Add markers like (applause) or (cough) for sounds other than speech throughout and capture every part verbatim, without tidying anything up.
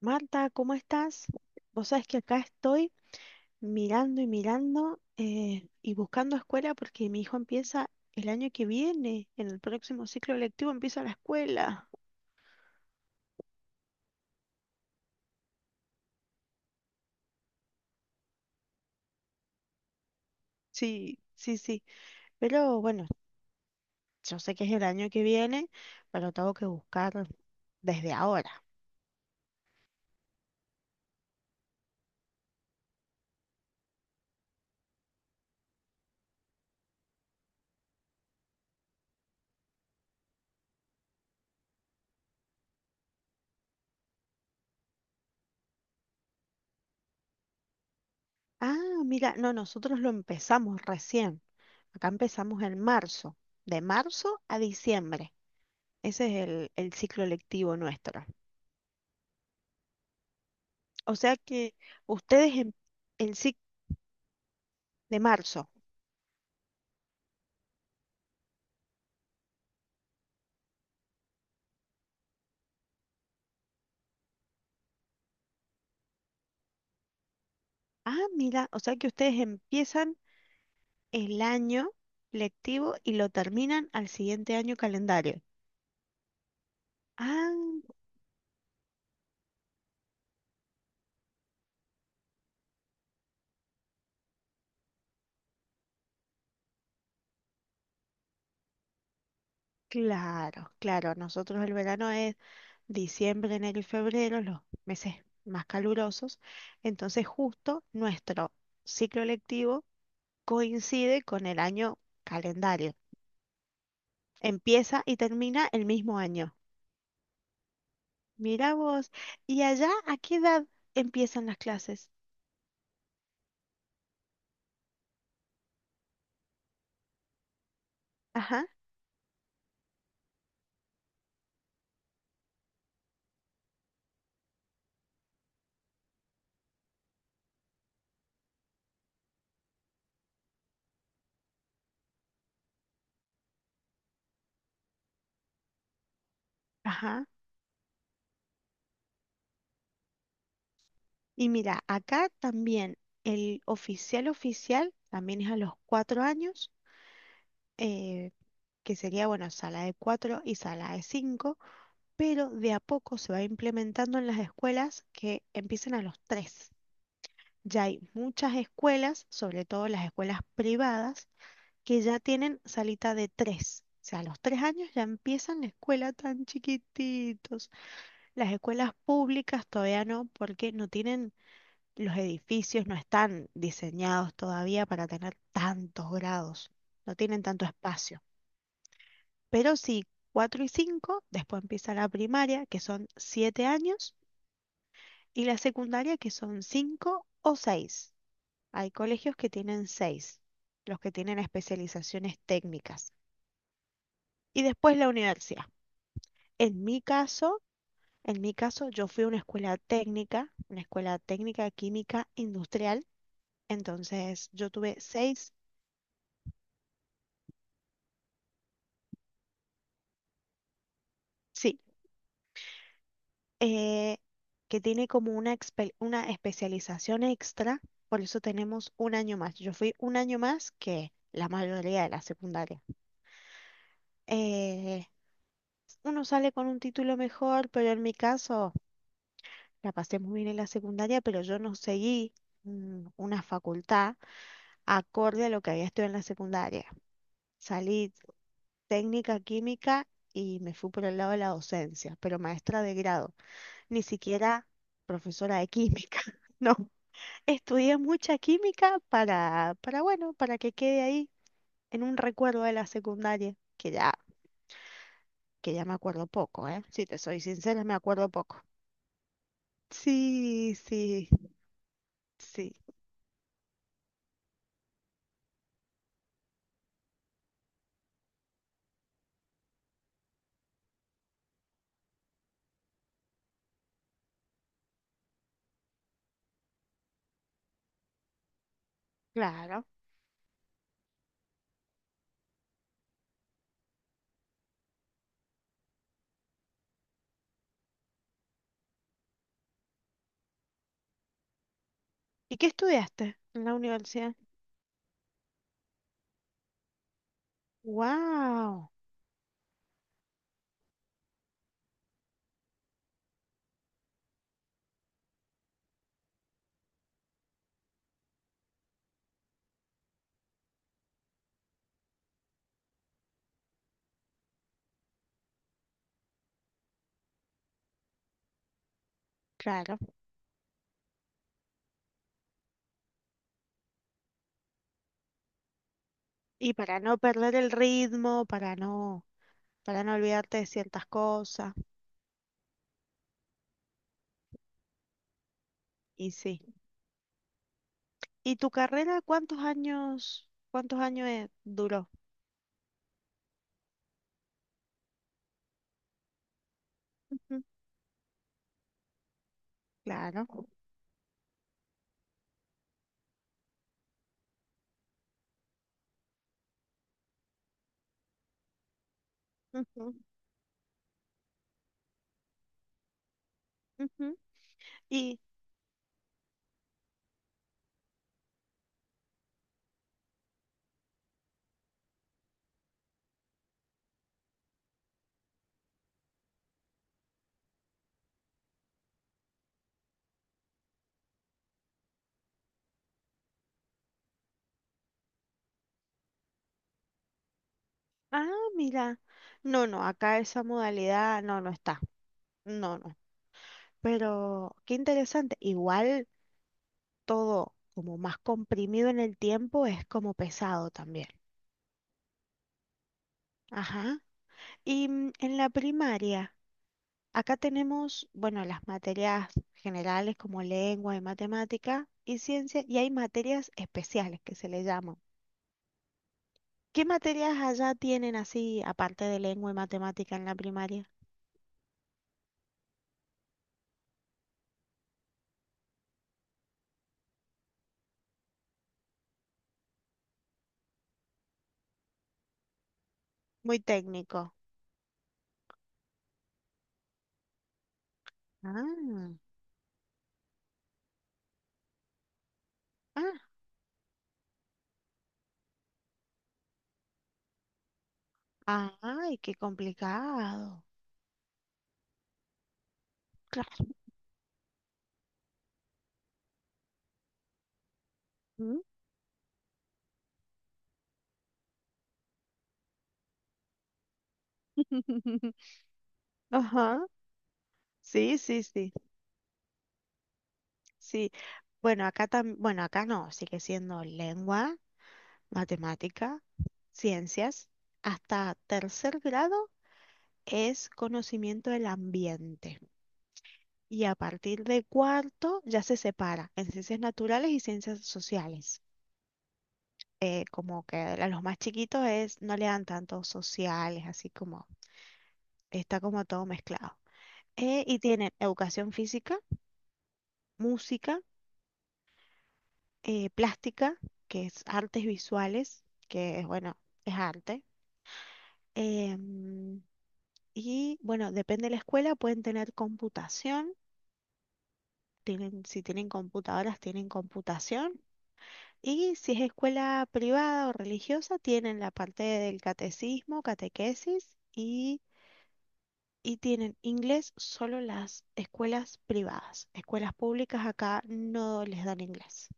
Marta, ¿cómo estás? Vos sabés que acá estoy mirando y mirando eh, y buscando escuela porque mi hijo empieza el año que viene, en el próximo ciclo lectivo empieza la escuela. Sí, sí, sí. Pero bueno, yo sé que es el año que viene, pero tengo que buscar desde ahora. Ah, mira, no, nosotros lo empezamos recién. Acá empezamos en marzo, de marzo a diciembre. Ese es el, el ciclo lectivo nuestro. O sea que ustedes empiezan de marzo. Ah, mira, o sea que ustedes empiezan el año lectivo y lo terminan al siguiente año calendario. Ah, claro, claro. Nosotros el verano es diciembre, enero y febrero, los meses más calurosos. Entonces justo nuestro ciclo lectivo coincide con el año calendario. Empieza y termina el mismo año. Mira vos. ¿Y allá a qué edad empiezan las clases? Ajá, ajá. Y mira, acá también el oficial oficial también es a los cuatro años, eh, que sería, bueno, sala de cuatro y sala de cinco, pero de a poco se va implementando en las escuelas que empiecen a los tres. Ya hay muchas escuelas, sobre todo las escuelas privadas, que ya tienen salita de tres. O sea, a los tres años ya empiezan la escuela tan chiquititos. Las escuelas públicas todavía no, porque no tienen. Los edificios no están diseñados todavía para tener tantos grados, no tienen tanto espacio. Pero sí, cuatro y cinco, después empieza la primaria, que son siete años, y la secundaria, que son cinco o seis. Hay colegios que tienen seis, los que tienen especializaciones técnicas. Y después la universidad. En mi caso, en mi caso, yo fui a una escuela técnica, una escuela técnica química industrial, entonces yo tuve seis. Sí. eh, que tiene como una, expe- una especialización extra, por eso tenemos un año más. Yo fui un año más que la mayoría de la secundaria. Eh, Uno sale con un título mejor, pero en mi caso la pasé muy bien en la secundaria, pero yo no seguí mm, una facultad acorde a lo que había estudiado en la secundaria. Salí técnica química y me fui por el lado de la docencia, pero maestra de grado, ni siquiera profesora de química, (laughs) ¿no? Estudié mucha química para, para, bueno, para que quede ahí en un recuerdo de la secundaria, que ya, que ya me acuerdo poco, ¿eh? Si te soy sincera, me acuerdo poco. Sí, sí, sí, claro. ¿Y qué estudiaste en la universidad? Wow, claro. Y para no perder el ritmo, para no, para no olvidarte de ciertas cosas. Y sí. ¿Y tu carrera cuántos años, cuántos años eh, duró? Ujú, claro. Ujú, ujú. Y Ah, mira. No, no, acá esa modalidad no, no está. No, no. Pero qué interesante. Igual todo como más comprimido en el tiempo es como pesado también. Ajá. Y mm, en la primaria, acá tenemos, bueno, las materias generales como lengua y matemática y ciencia, y hay materias especiales que se le llaman. ¿Qué materias allá tienen así, aparte de lengua y matemática en la primaria? Muy técnico. Ah, ay, qué complicado. Claro. Mm. (laughs) Ajá. Sí, sí, sí. Sí. Bueno, acá tam- bueno, acá no, sigue siendo lengua, matemática, ciencias. Hasta tercer grado es conocimiento del ambiente. Y a partir de cuarto ya se separa en ciencias naturales y ciencias sociales. Eh, como que a los más chiquitos es, no le dan tanto sociales, así como está como todo mezclado. Eh, y tienen educación física, música, eh, plástica, que es artes visuales, que es, bueno, es arte. em, y bueno, depende de la escuela, pueden tener computación, tienen, si tienen computadoras, tienen computación. Y si es escuela privada o religiosa, tienen la parte del catecismo, catequesis y, y tienen inglés solo las escuelas privadas. Escuelas públicas acá no les dan inglés.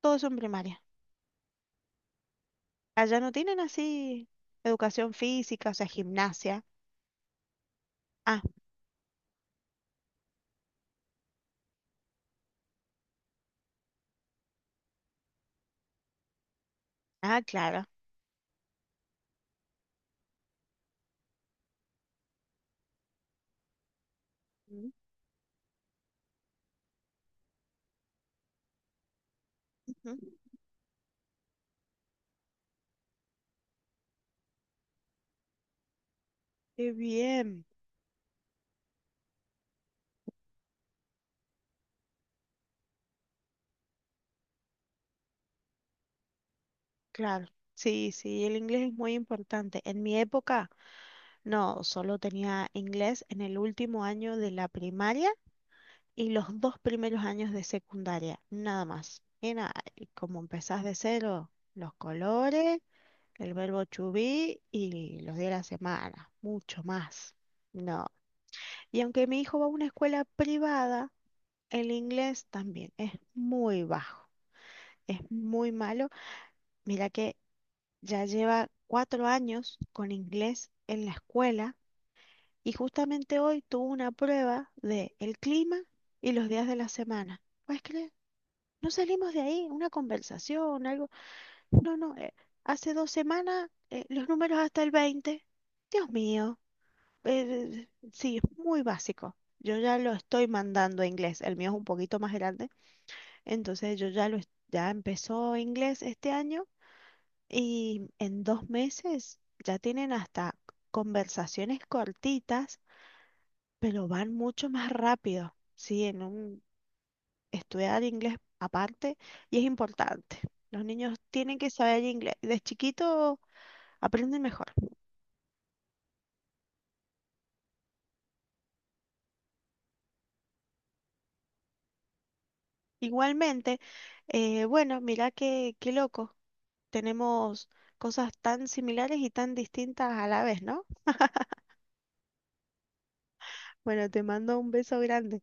Todos son primarias. Allá no tienen así educación física, o sea, gimnasia. Ah, ah, claro. Mm, ujú. Qué bien. Claro. Sí, sí, el inglés es muy importante. En mi época, no, solo tenía inglés en el último año de la primaria y los dos primeros años de secundaria, nada más. Y nada, y como empezás de cero, los colores, el verbo to be y los días de la semana, mucho más. No. Y aunque mi hijo va a una escuela privada, el inglés también es muy bajo, es muy malo. Mira que ya lleva cuatro años con inglés en la escuela y justamente hoy tuvo una prueba de el clima y los días de la semana. ¿Puedes creer? No salimos de ahí, una conversación, algo. No, no, eh, hace dos semanas eh, los números hasta el veinte. Dios mío, eh, sí, es muy básico. Yo ya lo estoy mandando a inglés, el mío es un poquito más grande. Entonces yo ya lo es- ya empezó inglés este año y en dos meses ya tienen hasta conversaciones cortitas, pero van mucho más rápido. Sí, en un estudiar inglés aparte y es importante. Los niños tienen que saber inglés. De chiquito aprenden mejor. Igualmente, eh, bueno, mira qué, qué loco. Tenemos cosas tan similares y tan distintas a la vez, ¿no? Bueno, te mando un beso grande.